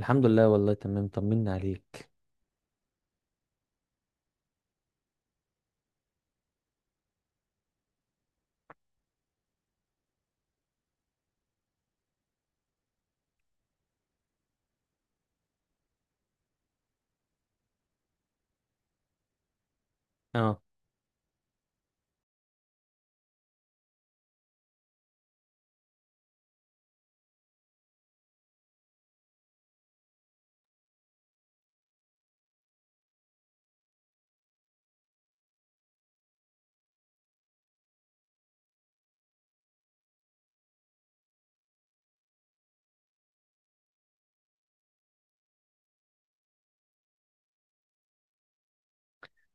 الحمد لله، والله تمام، طمنا عليك. اه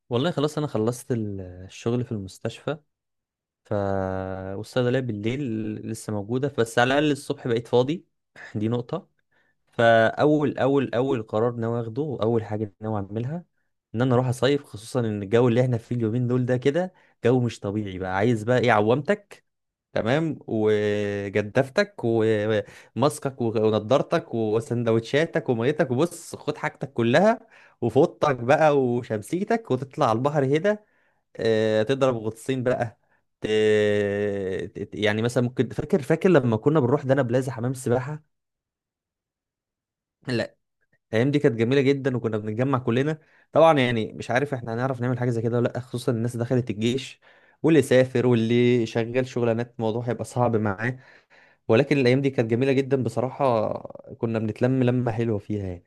والله، خلاص. انا خلصت الشغل في المستشفى. ف والصيدليه بالليل لسه موجوده، بس على الاقل الصبح بقيت فاضي. دي نقطه. فاول اول اول قرار ناوي اخده، واول حاجه ناوي اعملها، ان انا اروح اصيف، خصوصا ان الجو اللي احنا فيه اليومين دول ده كده جو مش طبيعي. بقى عايز بقى ايه؟ عوامتك تمام، وجدافتك، وماسكك، ونضارتك، وسندوتشاتك، وميتك، وبص خد حاجتك كلها، وفوطك بقى وشمسيتك، وتطلع على البحر هنا. تضرب غطسين بقى. ت- يعني مثلا ممكن، فاكر لما كنا بنروح دهب بلازا حمام السباحة؟ لا، الايام دي كانت جميلة جدا، وكنا بنتجمع كلنا. طبعا يعني مش عارف احنا هنعرف نعمل حاجة زي كده ولا لا، خصوصا الناس دخلت الجيش، واللي سافر، واللي شغال شغلانات، الموضوع هيبقى صعب معاه. ولكن الايام دي كانت جميله جدا بصراحه، كنا بنتلم لمه حلوه فيها يعني.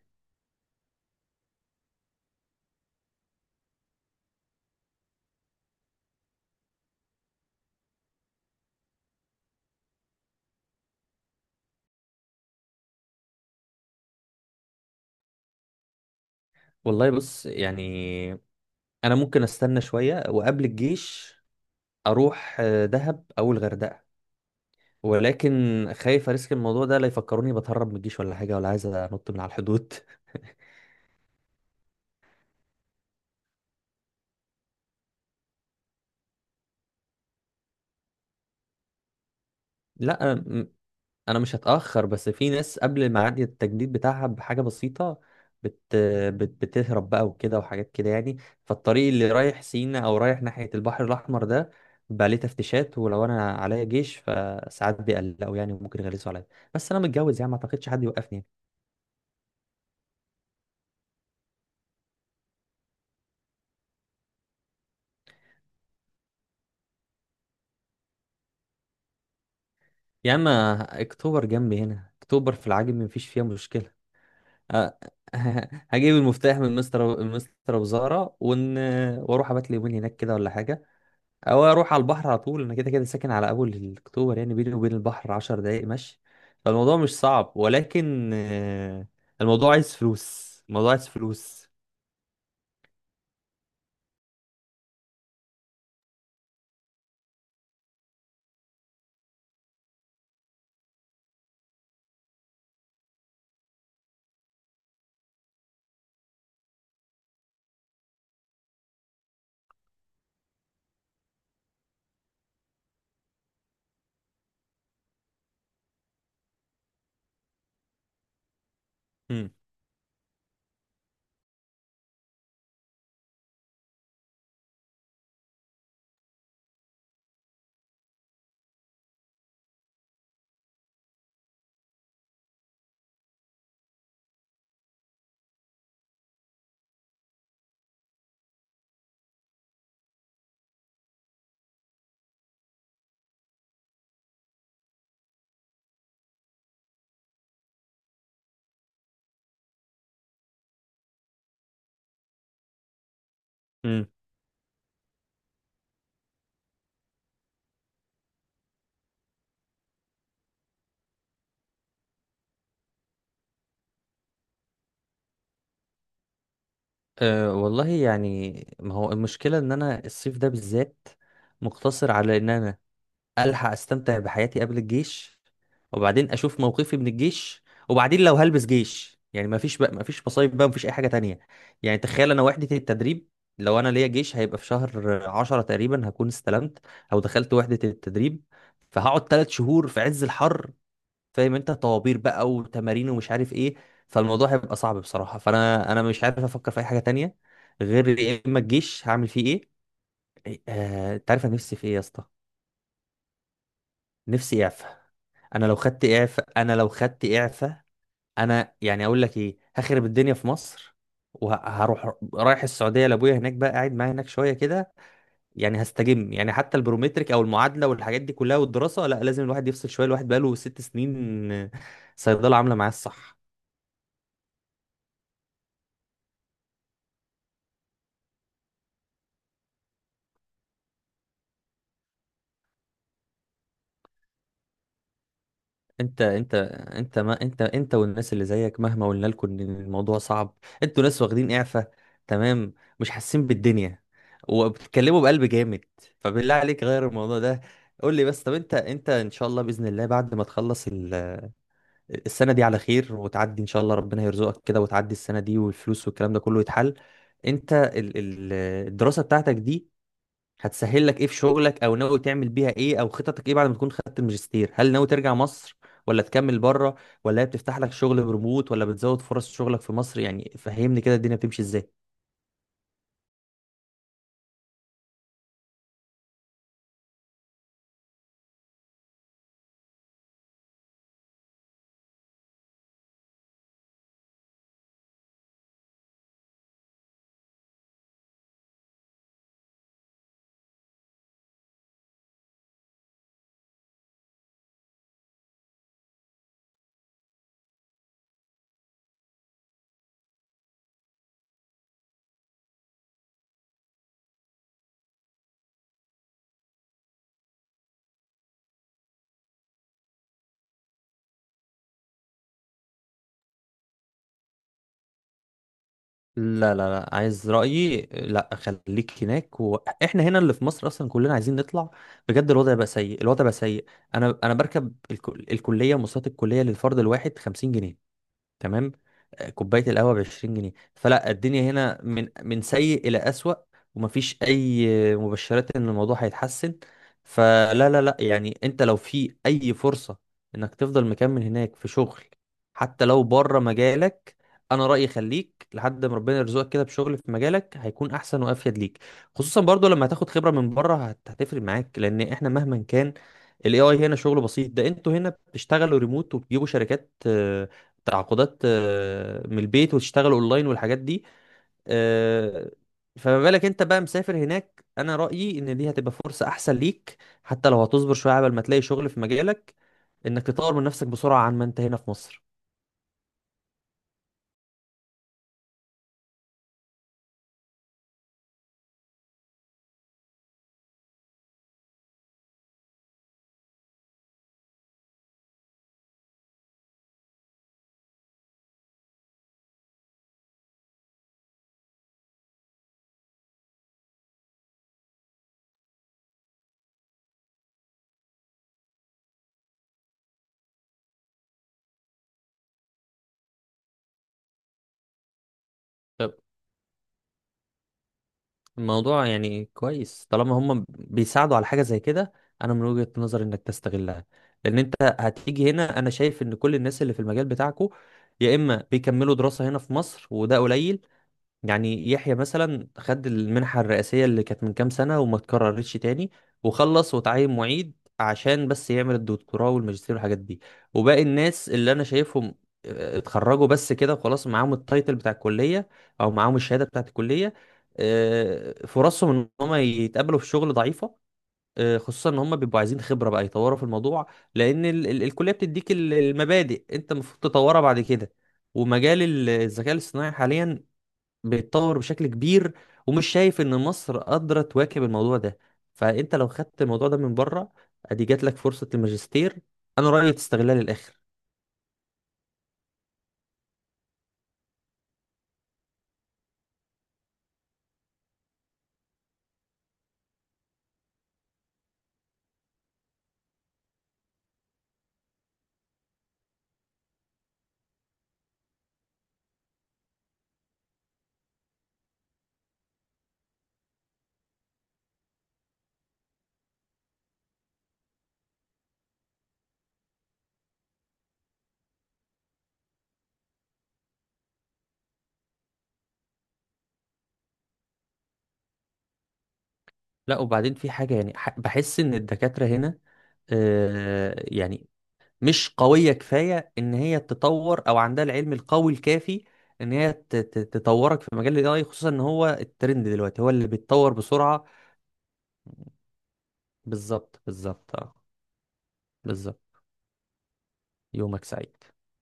والله بص، يعني انا ممكن استنى شويه. وقبل الجيش اروح دهب او الغردقه، ولكن خايف اريسك الموضوع ده، لا يفكروني بتهرب من الجيش ولا حاجه، ولا عايز انط من على الحدود. لا، انا مش هتاخر، بس في ناس قبل ميعاد التجديد بتاعها بحاجه بسيطه بت... بتهرب بقى، وكده، وحاجات كده يعني. فالطريق اللي رايح سينا او رايح ناحيه البحر الاحمر ده بقى ليه تفتيشات، ولو انا عليا جيش فساعات بيقلقوا يعني، وممكن يغلسوا عليا. بس انا متجوز، يعني ما اعتقدش حد يوقفني. يعني يا عم، اكتوبر جنبي هنا، اكتوبر في العجمي مفيش فيها مشكله. أه، هجيب المفتاح من مستر وزاره واروح ابات لي يومين هناك كده ولا حاجه، او اروح على البحر على طول. انا كده كده ساكن على اول اكتوبر، يعني بيني وبين البحر 10 دقايق مشي. فالموضوع مش صعب، ولكن الموضوع عايز فلوس، الموضوع عايز فلوس. امم امم أه والله، يعني ما هو المشكلة ان انا الصيف ده بالذات مقتصر على ان انا الحق استمتع بحياتي قبل الجيش، وبعدين اشوف موقفي من الجيش. وبعدين لو هلبس جيش يعني ما فيش بقى، ما فيش مصايب بقى، ما فيش اي حاجه تانية. يعني تخيل، انا وحده التدريب لو انا ليا جيش هيبقى في شهر 10 تقريبا، هكون استلمت او دخلت وحده التدريب، فهقعد 3 شهور في عز الحر، فاهم؟ انت طوابير بقى، وتمارين، ومش عارف ايه. فالموضوع هيبقى صعب بصراحه. فانا انا مش عارف افكر في اي حاجه تانية غير يا اما الجيش هعمل فيه ايه. إيه، آه، انت عارف انا نفسي في ايه يا اسطى؟ نفسي اعفى. انا لو خدت اعفاء، انا لو خدت اعفاء، انا يعني اقول لك ايه، هخرب الدنيا في مصر، وهروح رايح السعوديه لابويا، هناك بقى قاعد معايا هناك شويه كده. يعني هستجم، يعني حتى البرومتريك او المعادله والحاجات دي كلها والدراسه، لا، لازم الواحد يفصل شويه. الواحد بقاله 6 سنين صيدله، عامله معاه الصح. انت انت انت ما انت والناس اللي زيك مهما قلنا لكم ان الموضوع صعب، انتوا ناس واخدين اعفاء، تمام، مش حاسين بالدنيا، وبتتكلموا بقلب جامد. فبالله عليك غير الموضوع ده. قول لي بس، طب انت ان شاء الله باذن الله، بعد ما تخلص السنه دي على خير، وتعدي ان شاء الله ربنا يرزقك كده، وتعدي السنه دي والفلوس والكلام ده كله يتحل، انت الدراسه بتاعتك دي هتسهل لك ايه في شغلك؟ او ناوي تعمل بيها ايه؟ او خططك ايه بعد ما تكون خدت الماجستير؟ هل ناوي ترجع مصر، ولا تكمل بره، ولا هي بتفتح لك شغل بريموت، ولا بتزود فرص شغلك في مصر؟ يعني فهمني كده الدنيا بتمشي ازاي. لا لا لا، عايز رأيي؟ لا، خليك هناك. واحنا هنا اللي في مصر اصلا كلنا عايزين نطلع، بجد. الوضع بقى سيء، الوضع بقى سيء. انا بركب الكليه، مواصلات الكليه للفرد الواحد 50 جنيه، تمام، آه، كوبايه القهوه ب 20 جنيه. فلا الدنيا هنا من سيء الى اسوأ، ومفيش اي مبشرات ان الموضوع هيتحسن. فلا لا لا، يعني انت لو في اي فرصه انك تفضل مكمل هناك في شغل، حتى لو بره مجالك، انا رايي خليك لحد ما ربنا يرزقك كده بشغل في مجالك، هيكون احسن وافيد ليك. خصوصا برضو لما هتاخد خبره من بره، هتفرق معاك، لان احنا مهما كان الاي اي هنا شغله بسيط. ده انتوا هنا بتشتغلوا ريموت، وبتجيبوا شركات، تعاقدات، من البيت، وتشتغل اونلاين والحاجات دي. آه، فما بالك انت بقى مسافر هناك؟ انا رأيي ان دي هتبقى فرصة احسن ليك، حتى لو هتصبر شوية قبل ما تلاقي شغل في مجالك، انك تطور من نفسك بسرعة عن ما انت هنا في مصر. طب الموضوع يعني كويس، طالما هم بيساعدوا على حاجة زي كده، انا من وجهة نظري انك تستغلها. لان انت هتيجي هنا، انا شايف ان كل الناس اللي في المجال بتاعكو يا اما بيكملوا دراسة هنا في مصر، وده قليل، يعني يحيى مثلا خد المنحة الرئاسية اللي كانت من كام سنة وما اتكررتش تاني، وخلص وتعين معيد عشان بس يعمل الدكتوراه والماجستير والحاجات دي. وباقي الناس اللي انا شايفهم اتخرجوا بس كده وخلاص، معاهم التايتل بتاع الكلية او معاهم الشهادة بتاعت الكلية. فرصهم ان هم يتقابلوا في شغل ضعيفة، خصوصا ان هم بيبقوا عايزين خبرة بقى يطوروا في الموضوع، لان الكلية بتديك المبادئ، انت المفروض تطورها بعد كده. ومجال الذكاء الاصطناعي حاليا بيتطور بشكل كبير، ومش شايف ان مصر قادره تواكب الموضوع ده. فانت لو خدت الموضوع ده من بره، ادي جات لك فرصه الماجستير، انا رايي تستغلها للاخر. لا، وبعدين في حاجه يعني، بحس ان الدكاتره هنا يعني مش قويه كفايه ان هي تطور، او عندها العلم القوي الكافي ان هي تطورك في مجال الاي اي، خصوصا ان هو الترند دلوقتي هو اللي بيتطور بسرعه. بالظبط، بالظبط، اه، بالظبط. يومك سعيد.